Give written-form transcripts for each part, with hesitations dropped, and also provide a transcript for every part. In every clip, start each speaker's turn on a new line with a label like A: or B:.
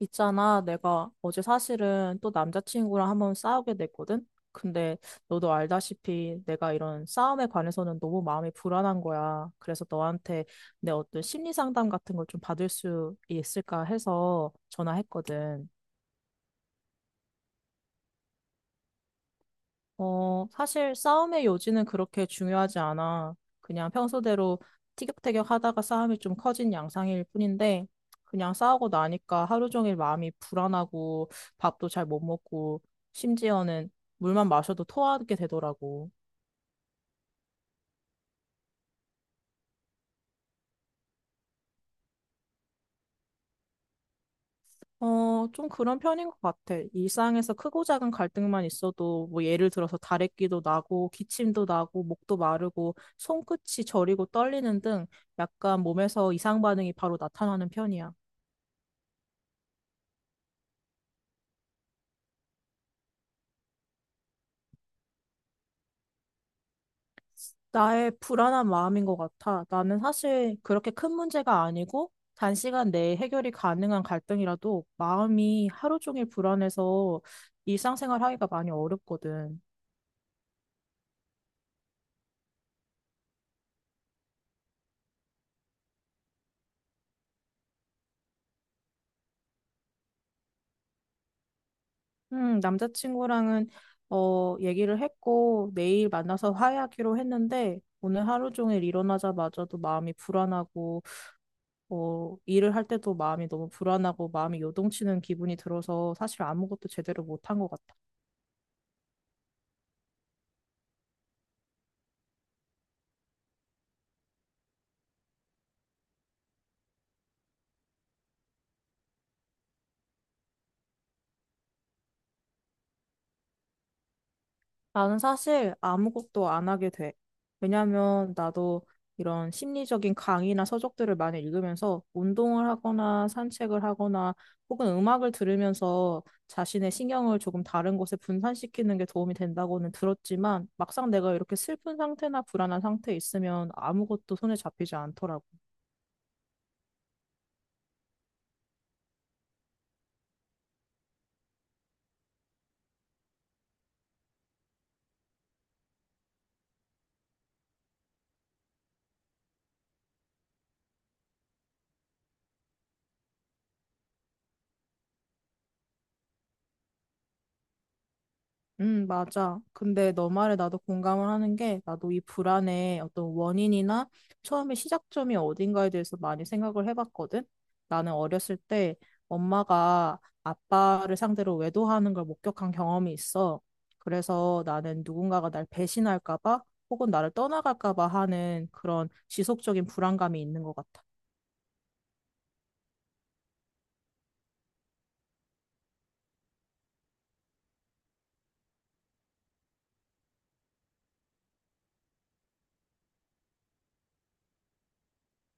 A: 있잖아, 내가 어제 사실은 또 남자친구랑 한번 싸우게 됐거든? 근데 너도 알다시피 내가 이런 싸움에 관해서는 너무 마음이 불안한 거야. 그래서 너한테 내 어떤 심리 상담 같은 걸 좀 받을 수 있을까 해서 전화했거든. 어, 사실 싸움의 요지는 그렇게 중요하지 않아. 그냥 평소대로 티격태격 하다가 싸움이 좀 커진 양상일 뿐인데, 그냥 싸우고 나니까 하루 종일 마음이 불안하고, 밥도 잘 못 먹고, 심지어는 물만 마셔도 토하게 되더라고. 어, 좀 그런 편인 것 같아. 일상에서 크고 작은 갈등만 있어도, 뭐 예를 들어서 다래끼도 나고, 기침도 나고, 목도 마르고, 손끝이 저리고 떨리는 등 약간 몸에서 이상 반응이 바로 나타나는 편이야. 나의 불안한 마음인 것 같아. 나는 사실 그렇게 큰 문제가 아니고 단시간 내에 해결이 가능한 갈등이라도 마음이 하루 종일 불안해서 일상생활 하기가 많이 어렵거든. 남자친구랑은 얘기를 했고 내일 만나서 화해하기로 했는데 오늘 하루 종일 일어나자마자도 마음이 불안하고 일을 할 때도 마음이 너무 불안하고 마음이 요동치는 기분이 들어서 사실 아무것도 제대로 못한 것 같아. 나는 사실 아무것도 안 하게 돼. 왜냐면 나도 이런 심리적인 강의나 서적들을 많이 읽으면서 운동을 하거나 산책을 하거나 혹은 음악을 들으면서 자신의 신경을 조금 다른 곳에 분산시키는 게 도움이 된다고는 들었지만, 막상 내가 이렇게 슬픈 상태나 불안한 상태에 있으면 아무것도 손에 잡히지 않더라고. 맞아. 근데 너 말에 나도 공감을 하는 게, 나도 이 불안의 어떤 원인이나 처음에 시작점이 어딘가에 대해서 많이 생각을 해봤거든. 나는 어렸을 때 엄마가 아빠를 상대로 외도하는 걸 목격한 경험이 있어. 그래서 나는 누군가가 날 배신할까 봐 혹은 나를 떠나갈까 봐 하는 그런 지속적인 불안감이 있는 것 같아.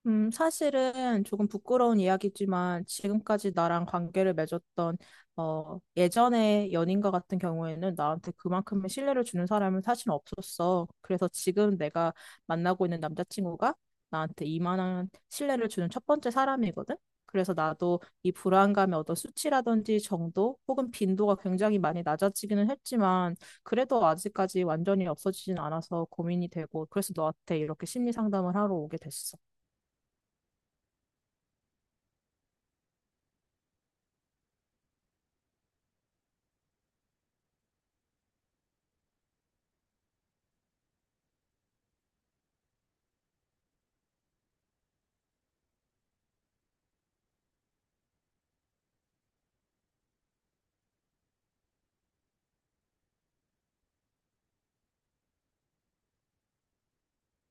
A: 사실은 조금 부끄러운 이야기지만, 지금까지 나랑 관계를 맺었던 예전의 연인과 같은 경우에는 나한테 그만큼의 신뢰를 주는 사람은 사실 없었어. 그래서 지금 내가 만나고 있는 남자친구가 나한테 이만한 신뢰를 주는 첫 번째 사람이거든. 그래서 나도 이 불안감의 어떤 수치라든지 정도 혹은 빈도가 굉장히 많이 낮아지기는 했지만, 그래도 아직까지 완전히 없어지진 않아서 고민이 되고, 그래서 너한테 이렇게 심리 상담을 하러 오게 됐어.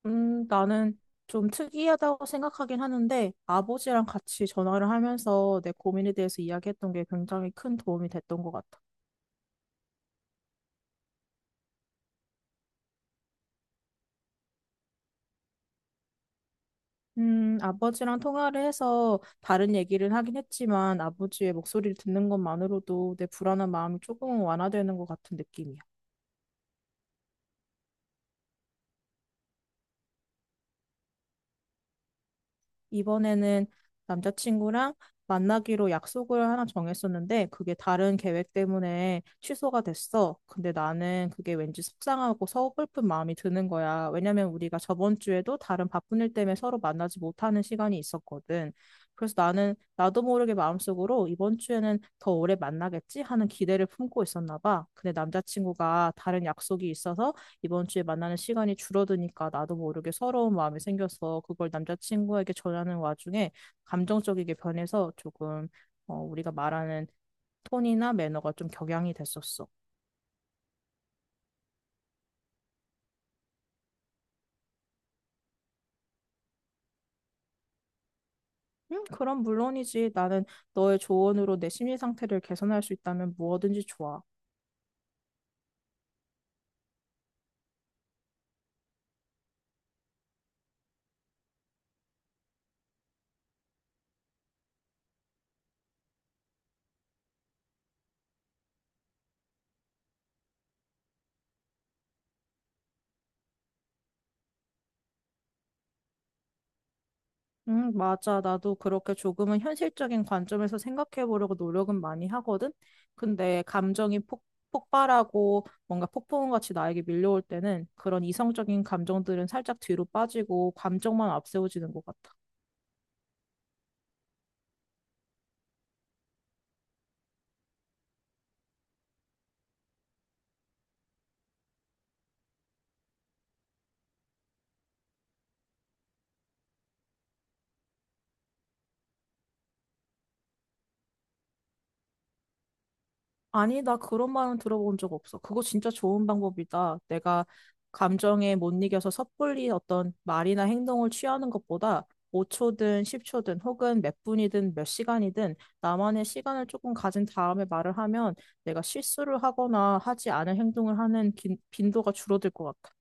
A: 나는 좀 특이하다고 생각하긴 하는데, 아버지랑 같이 전화를 하면서 내 고민에 대해서 이야기했던 게 굉장히 큰 도움이 됐던 것 같아. 아버지랑 통화를 해서 다른 얘기를 하긴 했지만, 아버지의 목소리를 듣는 것만으로도 내 불안한 마음이 조금은 완화되는 것 같은 느낌이야. 이번에는 남자친구랑 만나기로 약속을 하나 정했었는데, 그게 다른 계획 때문에 취소가 됐어. 근데 나는 그게 왠지 속상하고 서글픈 마음이 드는 거야. 왜냐면 우리가 저번 주에도 다른 바쁜 일 때문에 서로 만나지 못하는 시간이 있었거든. 그래서 나는 나도 모르게 마음속으로 이번 주에는 더 오래 만나겠지 하는 기대를 품고 있었나 봐. 근데 남자친구가 다른 약속이 있어서 이번 주에 만나는 시간이 줄어드니까 나도 모르게 서러운 마음이 생겨서, 그걸 남자친구에게 전하는 와중에 감정적이게 변해서 조금 우리가 말하는 톤이나 매너가 좀 격양이 됐었어. 그럼 물론이지. 나는 너의 조언으로 내 심리 상태를 개선할 수 있다면 무엇든지 좋아. 응, 맞아. 나도 그렇게 조금은 현실적인 관점에서 생각해 보려고 노력은 많이 하거든. 근데 감정이 폭발하고 뭔가 폭풍같이 나에게 밀려올 때는 그런 이성적인 감정들은 살짝 뒤로 빠지고 감정만 앞세워지는 것 같아. 아니, 나 그런 말은 들어본 적 없어. 그거 진짜 좋은 방법이다. 내가 감정에 못 이겨서 섣불리 어떤 말이나 행동을 취하는 것보다 5초든 10초든 혹은 몇 분이든 몇 시간이든 나만의 시간을 조금 가진 다음에 말을 하면, 내가 실수를 하거나 하지 않은 행동을 하는 빈도가 줄어들 것 같아.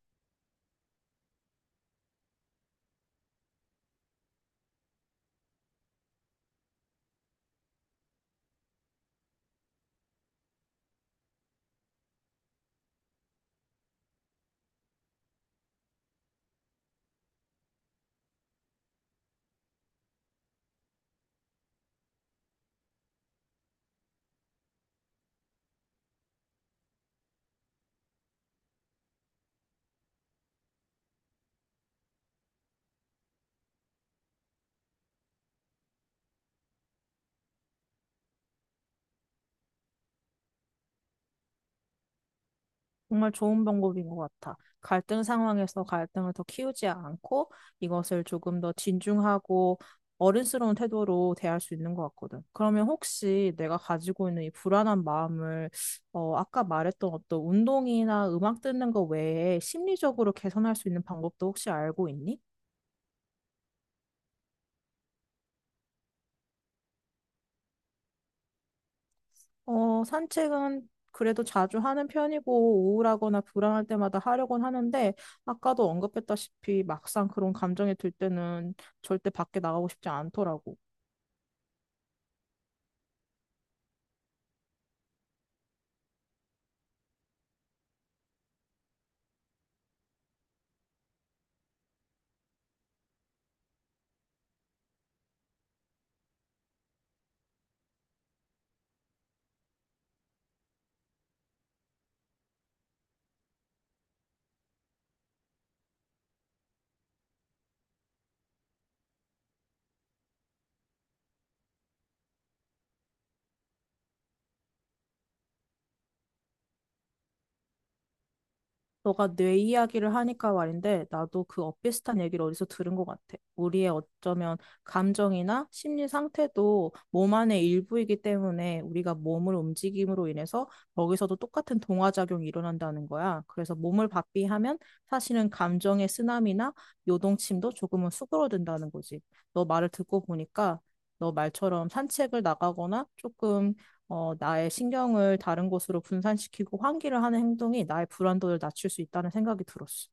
A: 정말 좋은 방법인 것 같아. 갈등 상황에서 갈등을 더 키우지 않고 이것을 조금 더 진중하고 어른스러운 태도로 대할 수 있는 것 같거든. 그러면 혹시 내가 가지고 있는 이 불안한 마음을 아까 말했던 어떤 운동이나 음악 듣는 거 외에 심리적으로 개선할 수 있는 방법도 혹시 알고 있니? 어, 산책은 그래도 자주 하는 편이고 우울하거나 불안할 때마다 하려곤 하는데, 아까도 언급했다시피 막상 그런 감정이 들 때는 절대 밖에 나가고 싶지 않더라고. 너가 뇌 이야기를 하니까 말인데, 나도 그 엇비슷한 얘기를 어디서 들은 것 같아. 우리의 어쩌면 감정이나 심리 상태도 몸 안의 일부이기 때문에 우리가 몸을 움직임으로 인해서 거기서도 똑같은 동화작용이 일어난다는 거야. 그래서 몸을 바삐하면 사실은 감정의 쓰나미나 요동침도 조금은 수그러든다는 거지. 너 말을 듣고 보니까 너 말처럼 산책을 나가거나 조금 나의 신경을 다른 곳으로 분산시키고 환기를 하는 행동이 나의 불안도를 낮출 수 있다는 생각이 들었어.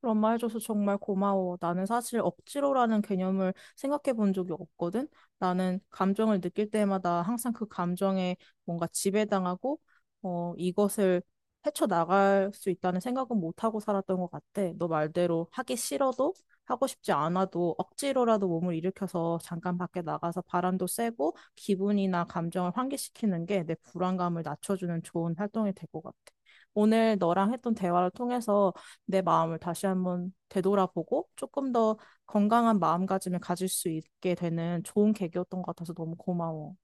A: 그런 말 해줘서 정말 고마워. 나는 사실 억지로라는 개념을 생각해 본 적이 없거든. 나는 감정을 느낄 때마다 항상 그 감정에 뭔가 지배당하고, 이것을 헤쳐나갈 수 있다는 생각은 못하고 살았던 것 같아. 너 말대로 하기 싫어도 하고 싶지 않아도 억지로라도 몸을 일으켜서 잠깐 밖에 나가서 바람도 쐬고 기분이나 감정을 환기시키는 게 내 불안감을 낮춰주는 좋은 활동이 될 것 같아. 오늘 너랑 했던 대화를 통해서 내 마음을 다시 한번 되돌아보고 조금 더 건강한 마음가짐을 가질 수 있게 되는 좋은 계기였던 것 같아서 너무 고마워.